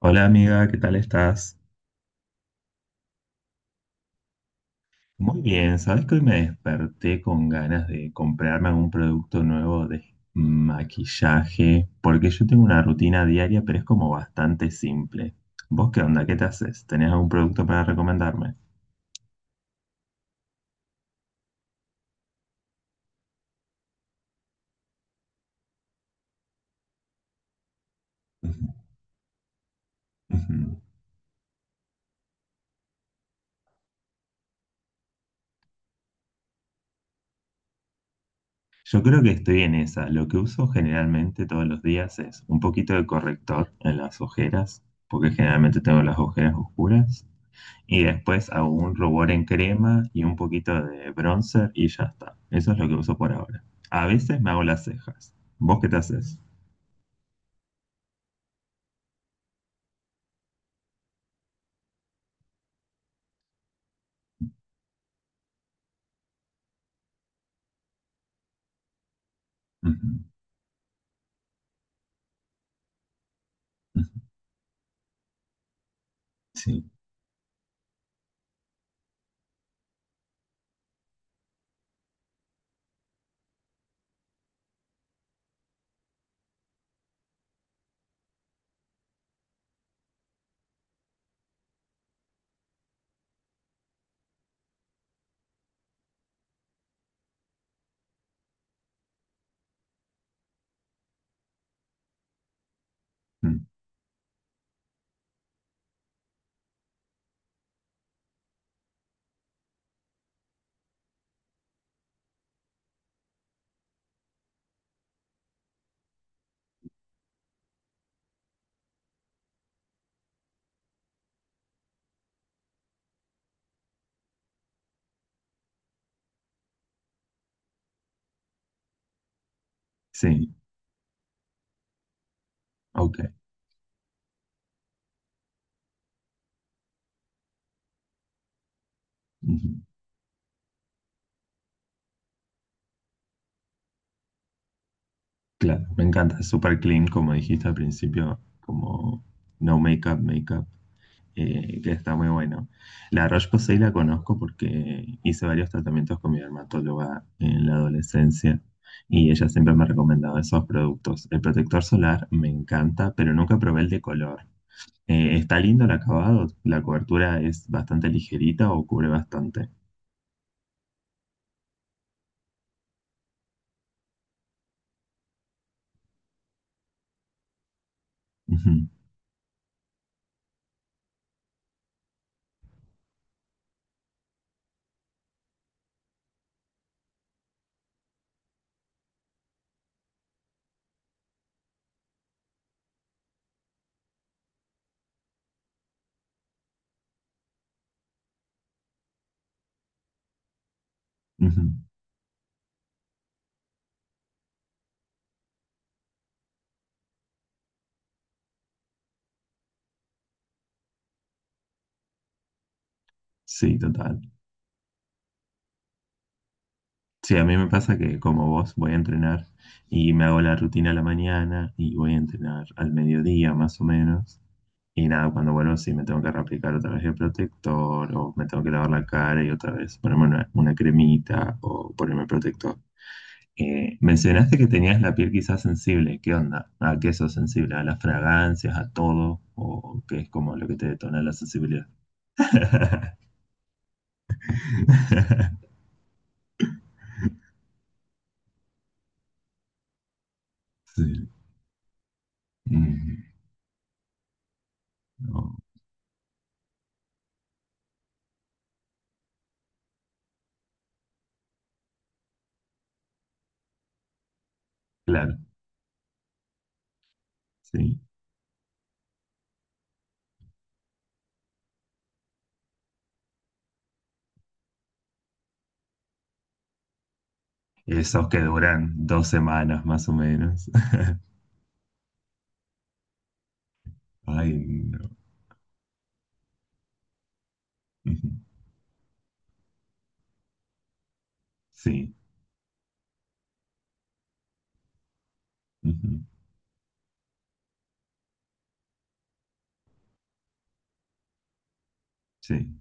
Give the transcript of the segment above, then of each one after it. Hola amiga, ¿qué tal estás? Muy bien, sabes que hoy me desperté con ganas de comprarme algún producto nuevo de maquillaje, porque yo tengo una rutina diaria, pero es como bastante simple. ¿Vos qué onda? ¿Qué te haces? ¿Tenés algún producto para recomendarme? Ujú, ujú. Yo creo que estoy en esa. Lo que uso generalmente todos los días es un poquito de corrector en las ojeras, porque generalmente tengo las ojeras oscuras. Y después hago un rubor en crema y un poquito de bronzer y ya está. Eso es lo que uso por ahora. A veces me hago las cejas. ¿Vos qué te haces? Ujú, ujú, sí, mm, sí, ok, ujú. Claro, me encanta, es súper clean, como dijiste al principio, como no makeup, makeup. Que está muy bueno. La Roche-Posay la conozco porque hice varios tratamientos con mi dermatóloga en la adolescencia y ella siempre me ha recomendado esos productos. El protector solar me encanta, pero nunca probé el de color. Está lindo el acabado, la cobertura es bastante ligerita o cubre bastante. Ujú, ujú. Sí, total. Sí, a mí me pasa que como vos voy a entrenar y me hago la rutina a la mañana y voy a entrenar al mediodía más o menos. Y nada, cuando vuelvo sí me tengo que reaplicar otra vez el protector o me tengo que lavar la cara y otra vez ponerme una cremita o ponerme protector. Mencionaste que tenías la piel quizás sensible. ¿Qué onda? ¿A qué sos sensible? ¿A las fragancias? ¿A todo? ¿O qué es como lo que te detona la sensibilidad? Sí. Mm, no, claro. Sí, esos que duran 2 semanas más o menos. Ay, no. Ujú. Sí, ujú. Sí,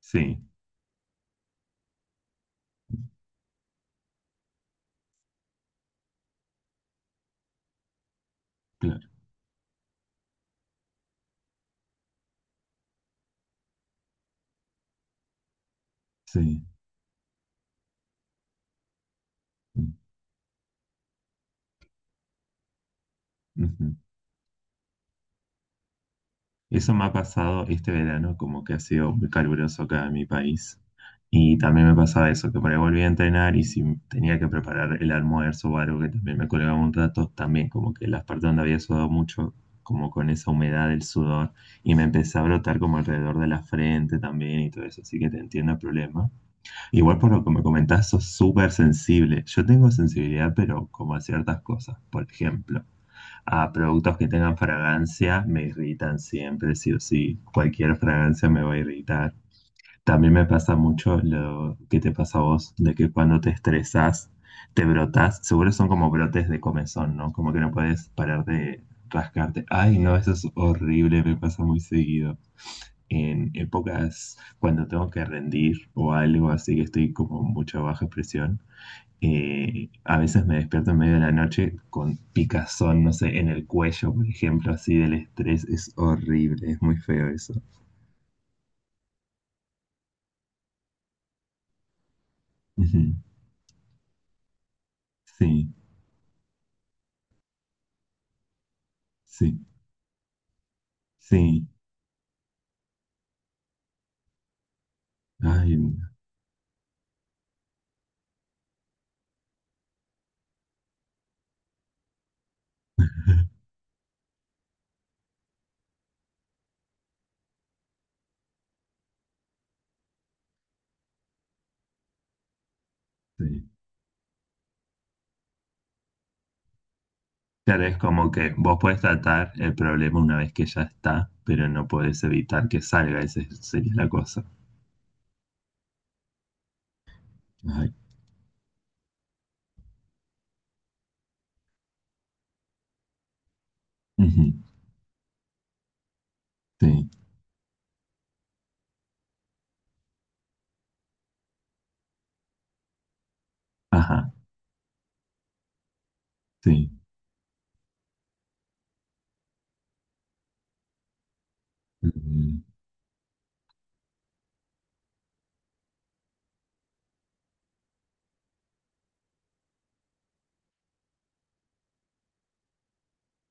sí, claro, sí. Mm, ujú. Eso me ha pasado este verano, como que ha sido muy caluroso acá en mi país. Y también me pasaba eso, que por ahí volví a entrenar y si tenía que preparar el almuerzo o algo que también me colgaba un rato, también como que las partes donde había sudado mucho, como con esa humedad del sudor, y me empecé a brotar como alrededor de la frente también y todo eso, así que te entiendo el problema. Igual por lo que me comentás, sos súper sensible. Yo tengo sensibilidad, pero como a ciertas cosas. Por ejemplo, a productos que tengan fragancia me irritan siempre, sí o sí. Cualquier fragancia me va a irritar. También me pasa mucho lo que te pasa a vos, de que cuando te estresás, te brotas. Seguro son como brotes de comezón, ¿no? Como que no puedes parar de rascarte. Ay, no, eso es horrible, me pasa muy seguido en épocas cuando tengo que rendir o algo así que estoy como mucha baja presión. A veces me despierto en medio de la noche con picazón, no sé, en el cuello, por ejemplo, así del estrés. Es horrible, es muy feo eso. Ujú. Sí, sí, sí. Ay, no sé. Claro, es como que vos podés tratar el problema una vez que ya está, pero no podés evitar que salga, esa sería la cosa. Ay, ujú, sí, ajá, sí, mm,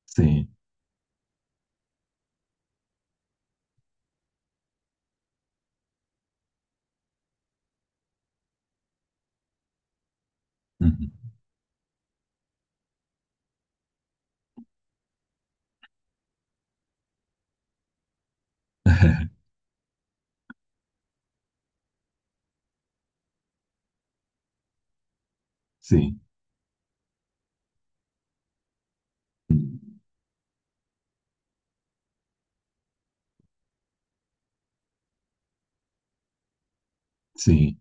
sí. Ujú. Sí, sí,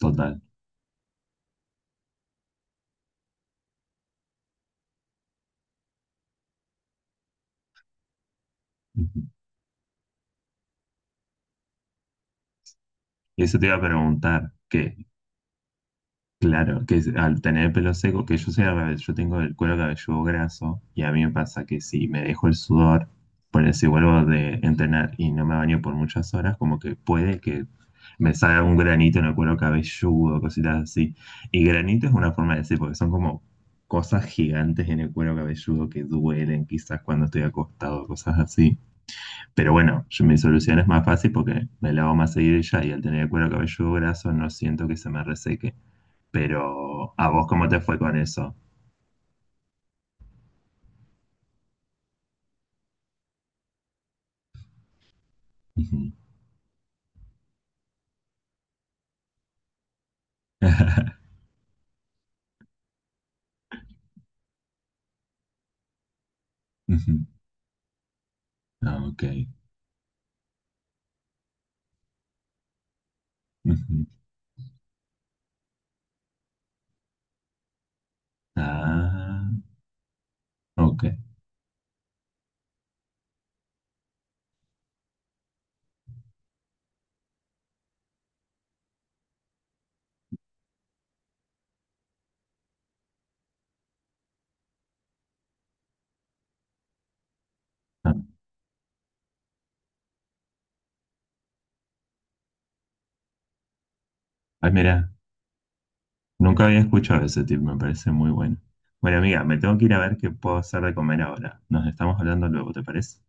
total. Ujú. Eso te iba a preguntar, que claro, al tener el pelo seco, que yo sea, al yo tengo el cuero cabelludo graso y a mí me pasa que si me dejo el sudor, por si vuelvo de entrenar y no me baño por muchas horas, como que puede que me salga un granito en el cuero cabelludo, cositas así. Y granito es una forma de decir, porque son como cosas gigantes en el cuero cabelludo que duelen quizás cuando estoy acostado, cosas así. Pero bueno, yo, mi solución es más fácil porque me lavo más seguido y ya, y al tener el cuero cabelludo graso no siento que se me reseque. Pero, ¿a vos cómo te fue con eso? Ujú. Ujú. Ah, ok. Ujú. Ah, ok. Ah. Ay, mira, nunca había escuchado ese tip, me parece muy bueno. Bueno, amiga, me tengo que ir a ver qué puedo hacer de comer ahora. Nos estamos hablando luego, ¿te parece?